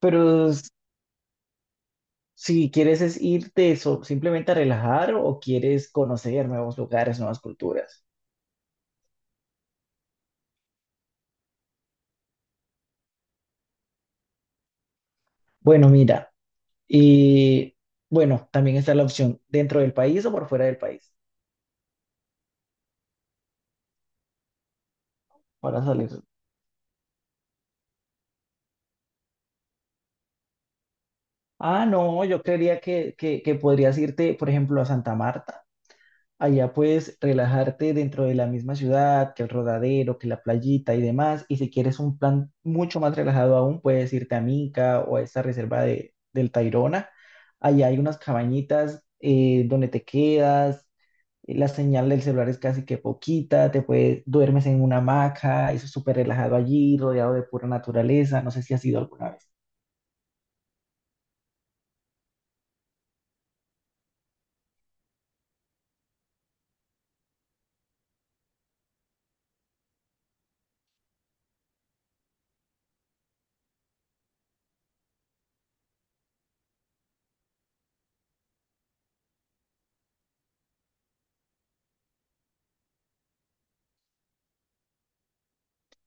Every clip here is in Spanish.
Pero si quieres es irte simplemente a relajar o quieres conocer nuevos lugares, nuevas culturas. Bueno, mira, y bueno, también está la opción dentro del país o por fuera del país para salir. Ah, no, yo creería que podrías irte, por ejemplo, a Santa Marta. Allá puedes relajarte dentro de la misma ciudad, que el rodadero, que la playita y demás. Y si quieres un plan mucho más relajado aún, puedes irte a Minca o a esta reserva del Tayrona. Allá hay unas cabañitas donde te quedas, la señal del celular es casi que poquita, duermes en una hamaca, eso es súper relajado allí, rodeado de pura naturaleza. No sé si has ido alguna vez.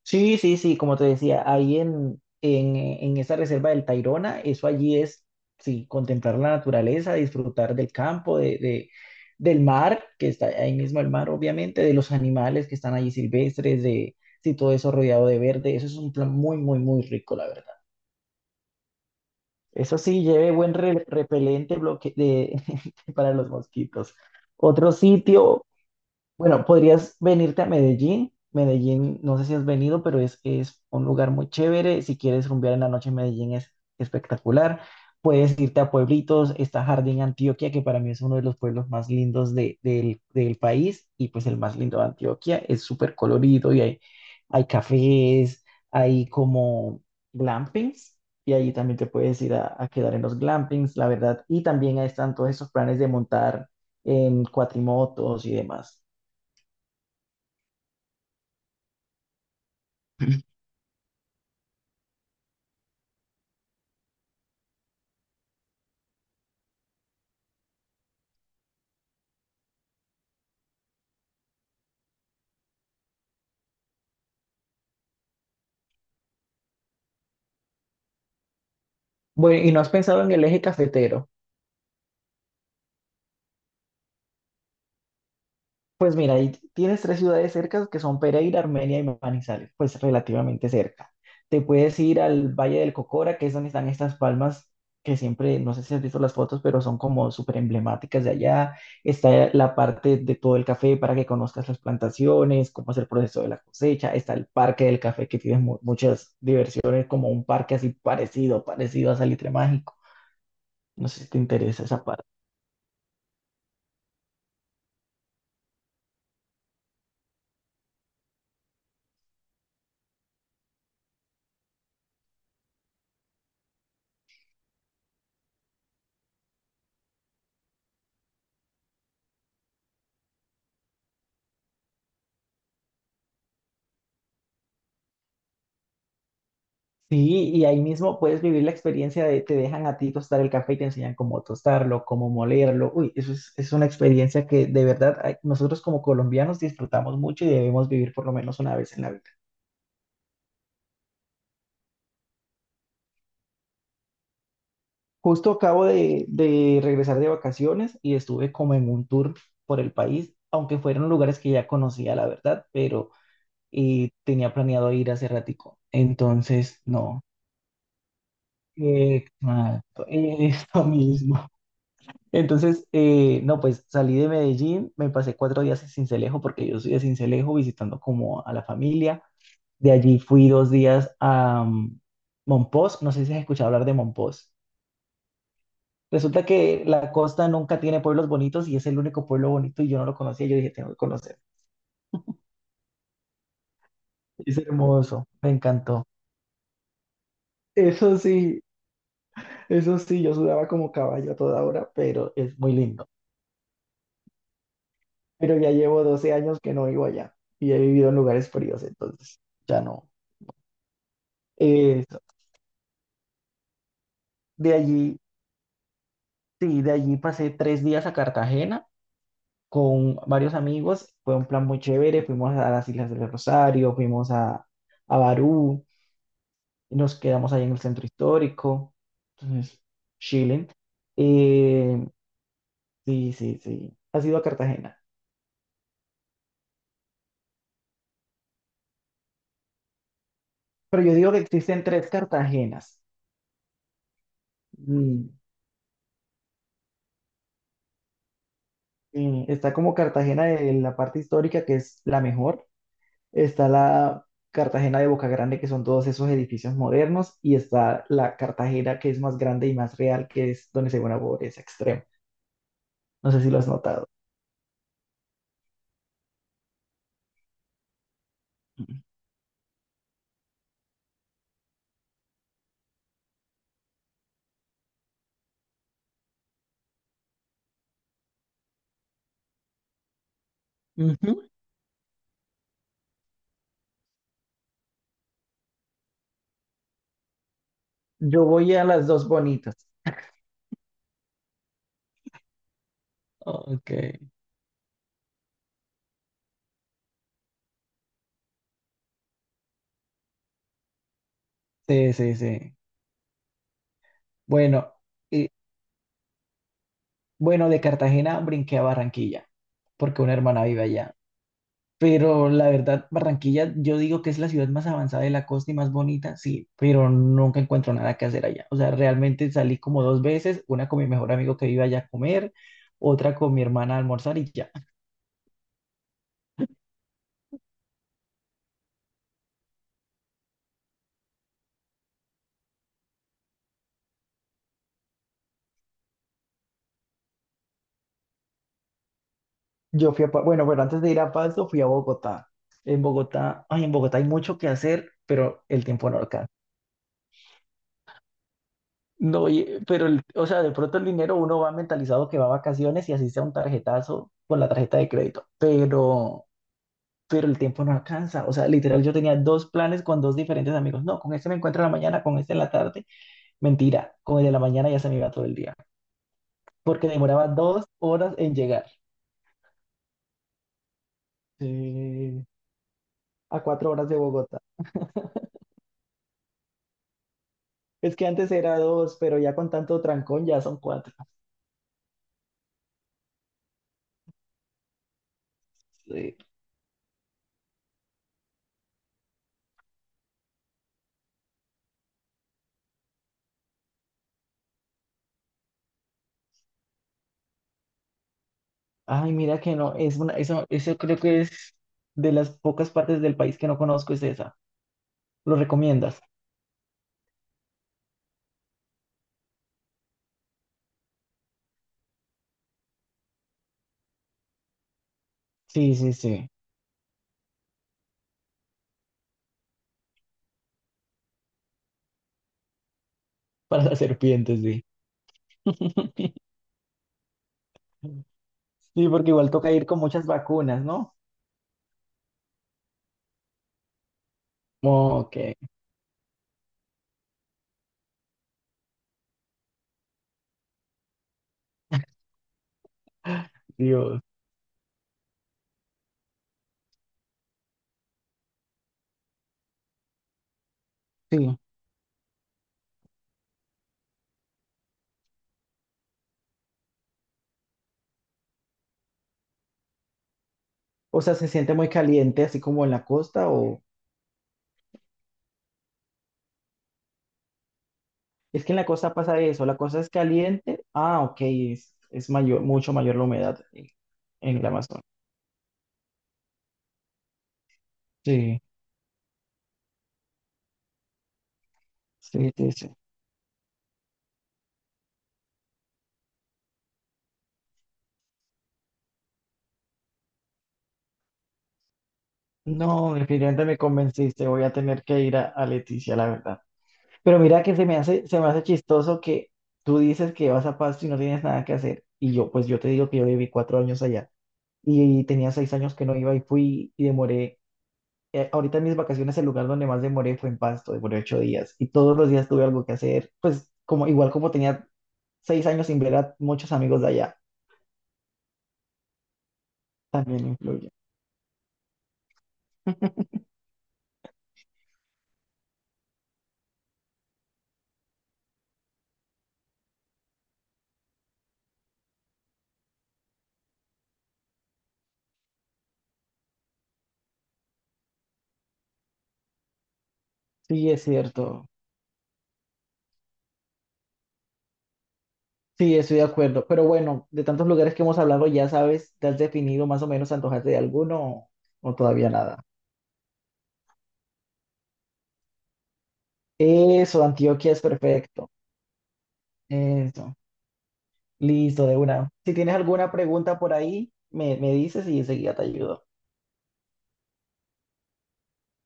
Sí, sí, sí, como te decía, ahí en esa reserva del Tayrona, eso allí es, sí, contemplar la naturaleza, disfrutar del campo, del mar, que está ahí mismo el mar, obviamente, de los animales que están allí silvestres, sí, todo eso rodeado de verde, eso es un plan muy, muy, muy rico, la verdad. Eso sí, lleve buen repelente bloque de, para los mosquitos. Otro sitio. Bueno, podrías venirte a Medellín. Medellín, no sé si has venido, pero es un lugar muy chévere. Si quieres rumbear en la noche, en Medellín es espectacular. Puedes irte a pueblitos. Está Jardín Antioquia, que para mí es uno de los pueblos más lindos del país y pues el más lindo de Antioquia. Es súper colorido y hay cafés, hay como glampings. Y ahí también te puedes ir a quedar en los glampings, la verdad. Y también ahí están todos esos planes de montar en cuatrimotos y demás. Bueno, ¿y no has pensado en el eje cafetero? Pues mira, ahí tienes tres ciudades cercas que son Pereira, Armenia y Manizales, pues relativamente cerca. Te puedes ir al Valle del Cocora, que es donde están estas palmas que siempre, no sé si has visto las fotos, pero son como súper emblemáticas de allá. Está la parte de todo el café para que conozcas las plantaciones, cómo es el proceso de la cosecha. Está el Parque del Café, que tiene muchas diversiones, como un parque así parecido, parecido a Salitre Mágico. No sé si te interesa esa parte. Sí, y ahí mismo puedes vivir la experiencia de te dejan a ti tostar el café y te enseñan cómo tostarlo, cómo molerlo. Uy, eso es una experiencia que de verdad ay, nosotros como colombianos disfrutamos mucho y debemos vivir por lo menos una vez en la vida. Justo acabo de regresar de vacaciones y estuve como en un tour por el país, aunque fueron lugares que ya conocía, la verdad, pero y tenía planeado ir hace ratico. Entonces, no. Exacto, eso mismo. Entonces, no, pues salí de Medellín, me pasé 4 días en Sincelejo porque yo soy de Sincelejo visitando como a la familia. De allí fui 2 días a Mompós, no sé si has escuchado hablar de Mompós. Resulta que la costa nunca tiene pueblos bonitos y es el único pueblo bonito y yo no lo conocía, yo dije, tengo que conocer. Es hermoso, me encantó. Eso sí, eso sí, yo sudaba como caballo a toda hora, pero es muy lindo. Pero ya llevo 12 años que no vivo allá y he vivido en lugares fríos, entonces ya no. Eh, de allí, sí, de allí pasé 3 días a Cartagena con varios amigos. Fue un plan muy chévere. Fuimos a las Islas del Rosario, fuimos a Barú, y nos quedamos ahí en el centro histórico. Entonces, chilling. Eh, sí, sí, sí. Ha sido a Cartagena. Pero yo digo que existen tres Cartagenas. Mm, sí, está como Cartagena de la parte histórica, que es la mejor. Está la Cartagena de Boca Grande, que son todos esos edificios modernos, y está la Cartagena que es más grande y más real, que es donde se ve una pobreza extrema. No sé si lo has notado. Ujú. Yo voy a las dos bonitas. Ok, sí, sí, sí. Bueno, y, bueno, de Cartagena brinqué a Barranquilla, porque una hermana vive allá. Pero la verdad, Barranquilla, yo digo que es la ciudad más avanzada de la costa y más bonita, sí, pero nunca encuentro nada que hacer allá. O sea, realmente salí como dos veces, una con mi mejor amigo que vive allá a comer, otra con mi hermana a almorzar y ya. Yo fui a, Pa- bueno, pero antes de ir a Pasto, fui a Bogotá. En Bogotá, ay, en Bogotá hay mucho que hacer, pero el tiempo no alcanza. No, pero, o sea, de pronto el dinero uno va mentalizado que va a vacaciones y así sea un tarjetazo con la tarjeta de crédito, pero el tiempo no alcanza. O sea, literal, yo tenía dos planes con dos diferentes amigos. No, con este me encuentro en la mañana, con este en la tarde. Mentira, con el de la mañana ya se me iba todo el día, porque demoraba 2 horas en llegar. Sí, a 4 horas de Bogotá. Es que antes era dos, pero ya con tanto trancón ya son cuatro. Sí. Ay, mira que no, es una, eso creo que es de las pocas partes del país que no conozco, es esa. ¿Lo recomiendas? Sí, sí, sí. Para las serpientes, sí. Sí, porque igual toca ir con muchas vacunas, ¿no? Ok, Dios. Sí. O sea, se siente muy caliente, así como en la costa, o es que en la costa pasa eso, la costa es caliente. Ah, ok, es mayor, mucho mayor la humedad en el Amazonas. Sí, sí, sí, sí. No, definitivamente me convenciste, voy a tener que ir a Leticia, la verdad. Pero mira que se me hace chistoso que tú dices que vas a Pasto y no tienes nada que hacer. Y yo, pues yo te digo que yo viví 4 años allá y tenía 6 años que no iba y fui y demoré ahorita en mis vacaciones el lugar donde más demoré fue en Pasto, demoré 8 días y todos los días tuve algo que hacer, pues como igual como tenía 6 años sin ver a muchos amigos de allá, también influye. Sí, es cierto. Sí, estoy de acuerdo. Pero bueno, de tantos lugares que hemos hablado, ya sabes, ¿te has definido más o menos antojarte de alguno o todavía nada? Eso, Antioquia es perfecto. Eso. Listo, de una. Si tienes alguna pregunta por ahí, me dices y enseguida te ayudo.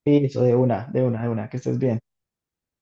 Eso, de una, de una, de una, que estés bien.